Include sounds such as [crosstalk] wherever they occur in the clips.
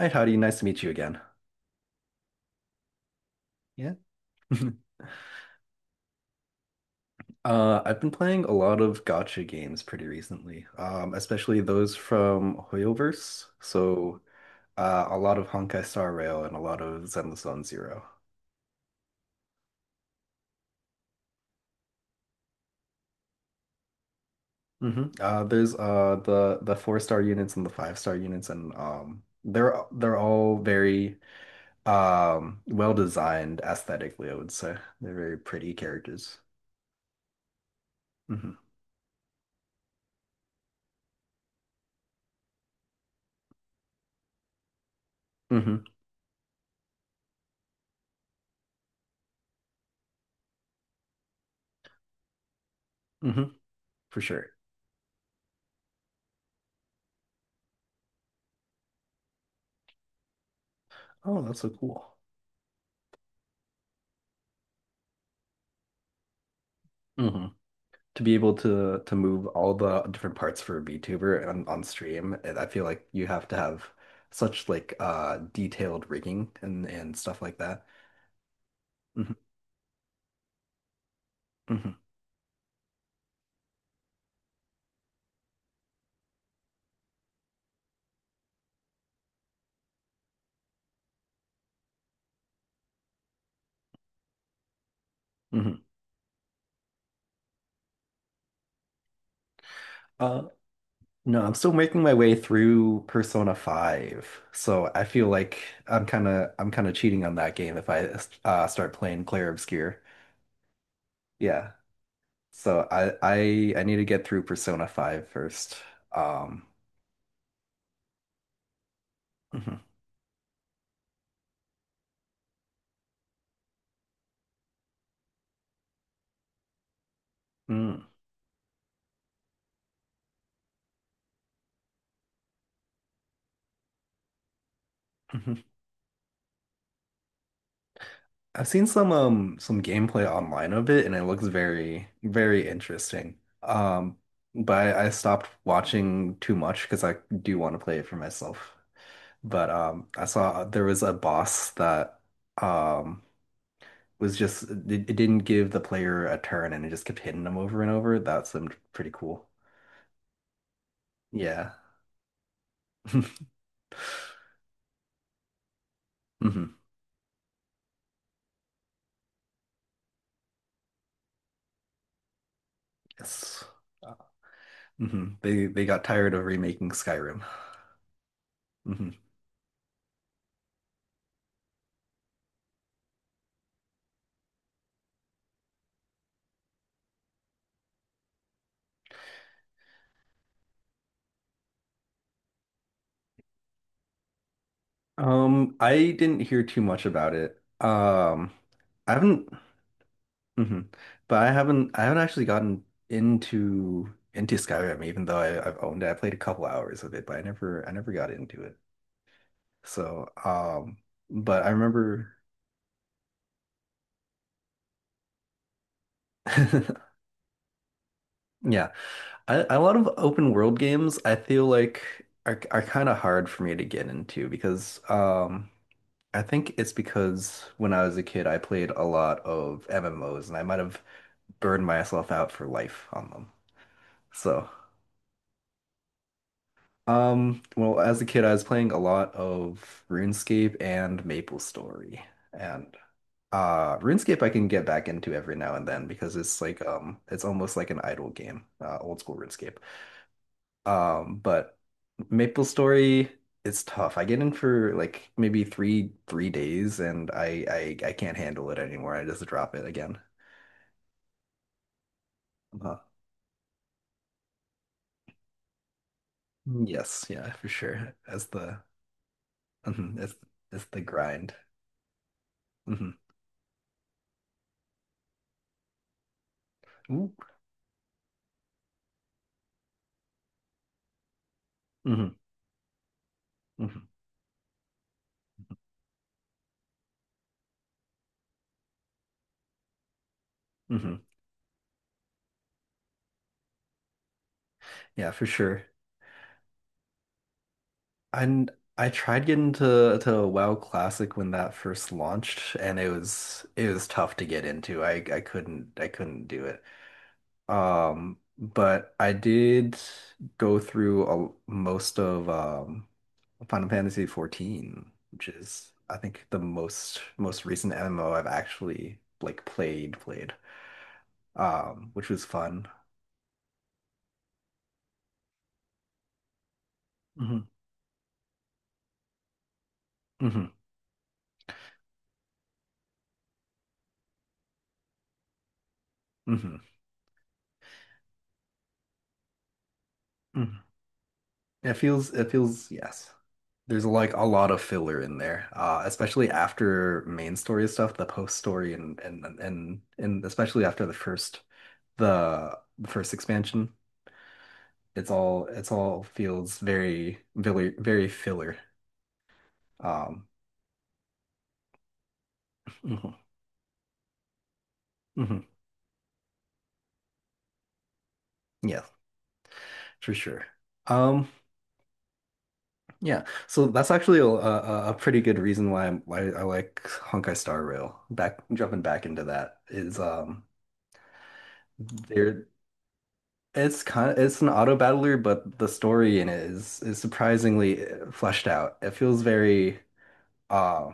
Hi, Howdy. Nice to meet you again. Yeah. [laughs] I've been playing a lot of gotcha games pretty recently, especially those from Hoyoverse. So, a lot of Honkai Star Rail and a lot of Zenless Zone 0. Hmm. There's the four-star units and the five-star units, and they're all very well designed aesthetically, I would say. They're very pretty characters. Hmm. Hmm. Hmm. For sure. Oh, that's so cool. Hmm. To be able to move all the different parts for a VTuber on stream, and I feel like you have to have such like detailed rigging and stuff like that. Hmm. Hmm. Hmm. Uh no, I'm still making my way through Persona 5. So I feel like I'm kind of cheating on that game if I start playing Clair Obscur. Yeah. So I need to get through Persona Five first. Um. Mhm. Mm. Mhm. I've seen some gameplay online of it and it looks very interesting. Um, but I stopped watching too much because I do want to play it for myself. But I saw there was a boss that um was just it didn't give the player a turn and it just kept hitting them over and over. That seemed pretty cool. Yeah. [laughs] Hmm. Yes. Hmm. They got tired of remaking Skyrim. Mm-hmm. I didn't hear too much about it. I haven't, Mhm. But I haven't actually gotten into Skyrim, even though I've owned it. I played a couple hours of it, but I never got into it. So, but I remember, [laughs] yeah, I, a lot of open world games I feel like are kind of hard for me to get into because, I think it's because when I was a kid I played a lot of MMOs and I might have burn myself out for life on them. So, well, as a kid, I was playing a lot of RuneScape and MapleStory. And RuneScape I can get back into every now and then because it's like it's almost like an idle game, old school RuneScape. But MapleStory it's tough. I get in for like maybe three days and I can't handle it anymore. I just drop it again. Uh, yes, yeah, for sure. As the. Hmm. It's the grind. Hmm. Ooh. Hmm. Hmm. Hmm. Yeah, for sure. And I tried getting to WoW Classic when that first launched, and it was tough to get into. I couldn't I couldn't do it. But I did go through a, most of Final Fantasy 14, which is I think the most recent MMO I've actually like played. Which was fun. Hmm. Hmm. It feels yes. There's like a lot of filler in there, especially after main story stuff, the post story, and especially after the first the first expansion. It's all feels very filler. Um. Mhm. Mhm. Yeah, for sure. Um, yeah. So that's actually a pretty good reason why, why I like Honkai Star Rail. Back jumping back into that is. There. It's kind of it's an auto battler, but the story in it is surprisingly fleshed out. It feels very uh.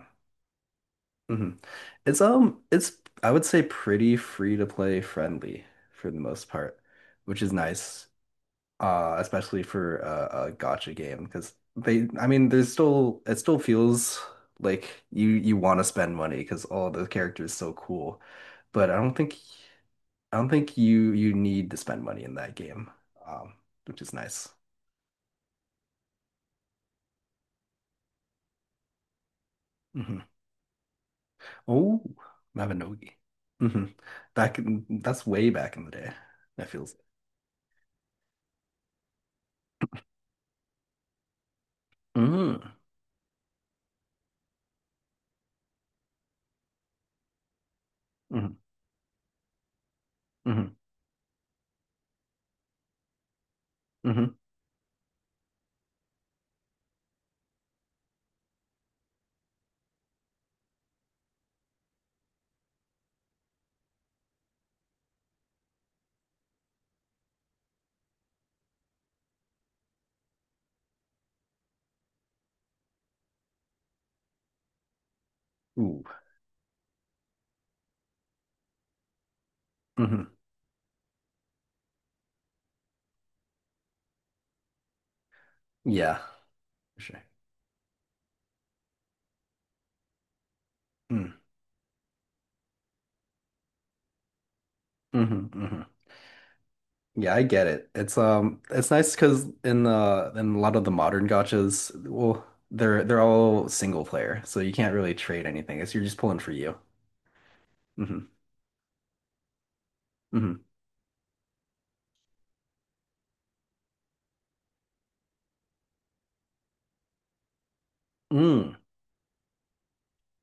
Mhm. It's, I would say, pretty free to play friendly for the most part, which is nice. Uh, especially for a gotcha game because they I mean there's still it still feels like you want to spend money because all the characters so cool. But I don't think you need to spend money in that game. Um, which is nice. Hmm. Oh, Mabinogi. Hmm. Back in, that's way back in the day. That feels. Mm. Hmm. Hmm. Hmm. Ooh. Hmm. Yeah. For sure. Mm. Hmm. Hmm. Yeah, I get it. It's nice because in the in a lot of the modern gotchas, well, they're all single player, so you can't really trade anything. It's you're just pulling for you. Hmm. Hmm. Mm.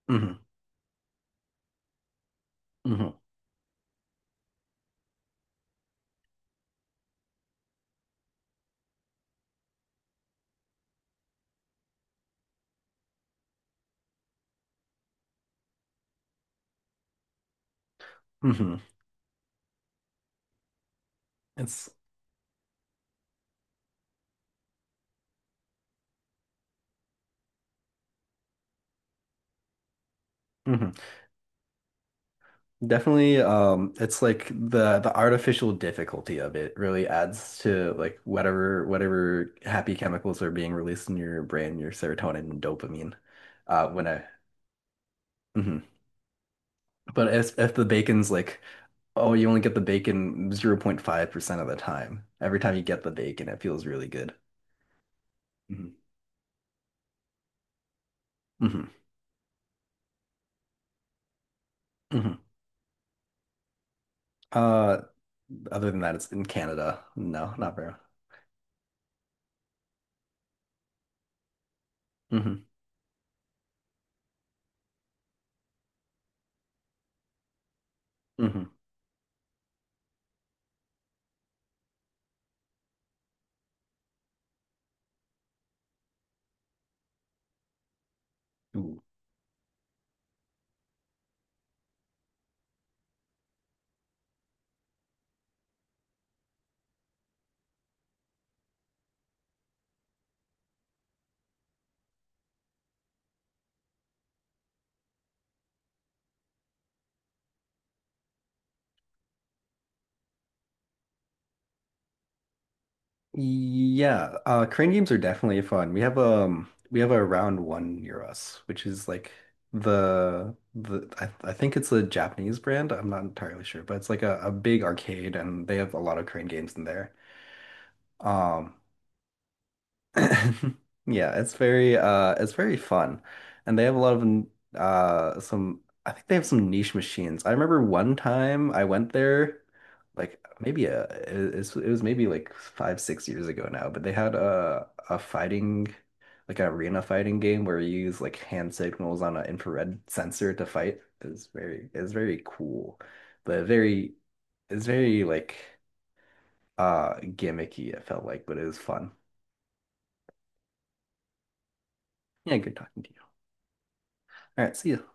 Hmm. Hmm. Hmm. It's. Mhm. Definitely, it's like the artificial difficulty of it really adds to like whatever happy chemicals are being released in your brain, your serotonin and dopamine. Uh, when I, mhm. But if the bacon's like, oh, you only get the bacon 0.5% of the time. Every time you get the bacon, it feels really good. Hmm. Hmm. Hmm. Uh, other than that, it's in Canada. No, not very. Hmm. Hmm. Yeah, crane games are definitely fun. We have a round one near us, which is like the I think it's a Japanese brand. I'm not entirely sure, but it's like a big arcade and they have a lot of crane games in there. Um. [laughs] Yeah, it's very fun. And they have a lot of some, I think they have some niche machines. I remember one time I went there like maybe a it, it was maybe like five, 6 years ago now, but they had a fighting, like an arena fighting game where you use like hand signals on an infrared sensor to fight. It was very it's very cool, but very it's very like uh, gimmicky it felt like, but it was fun. Yeah, good talking to you. All right, see you.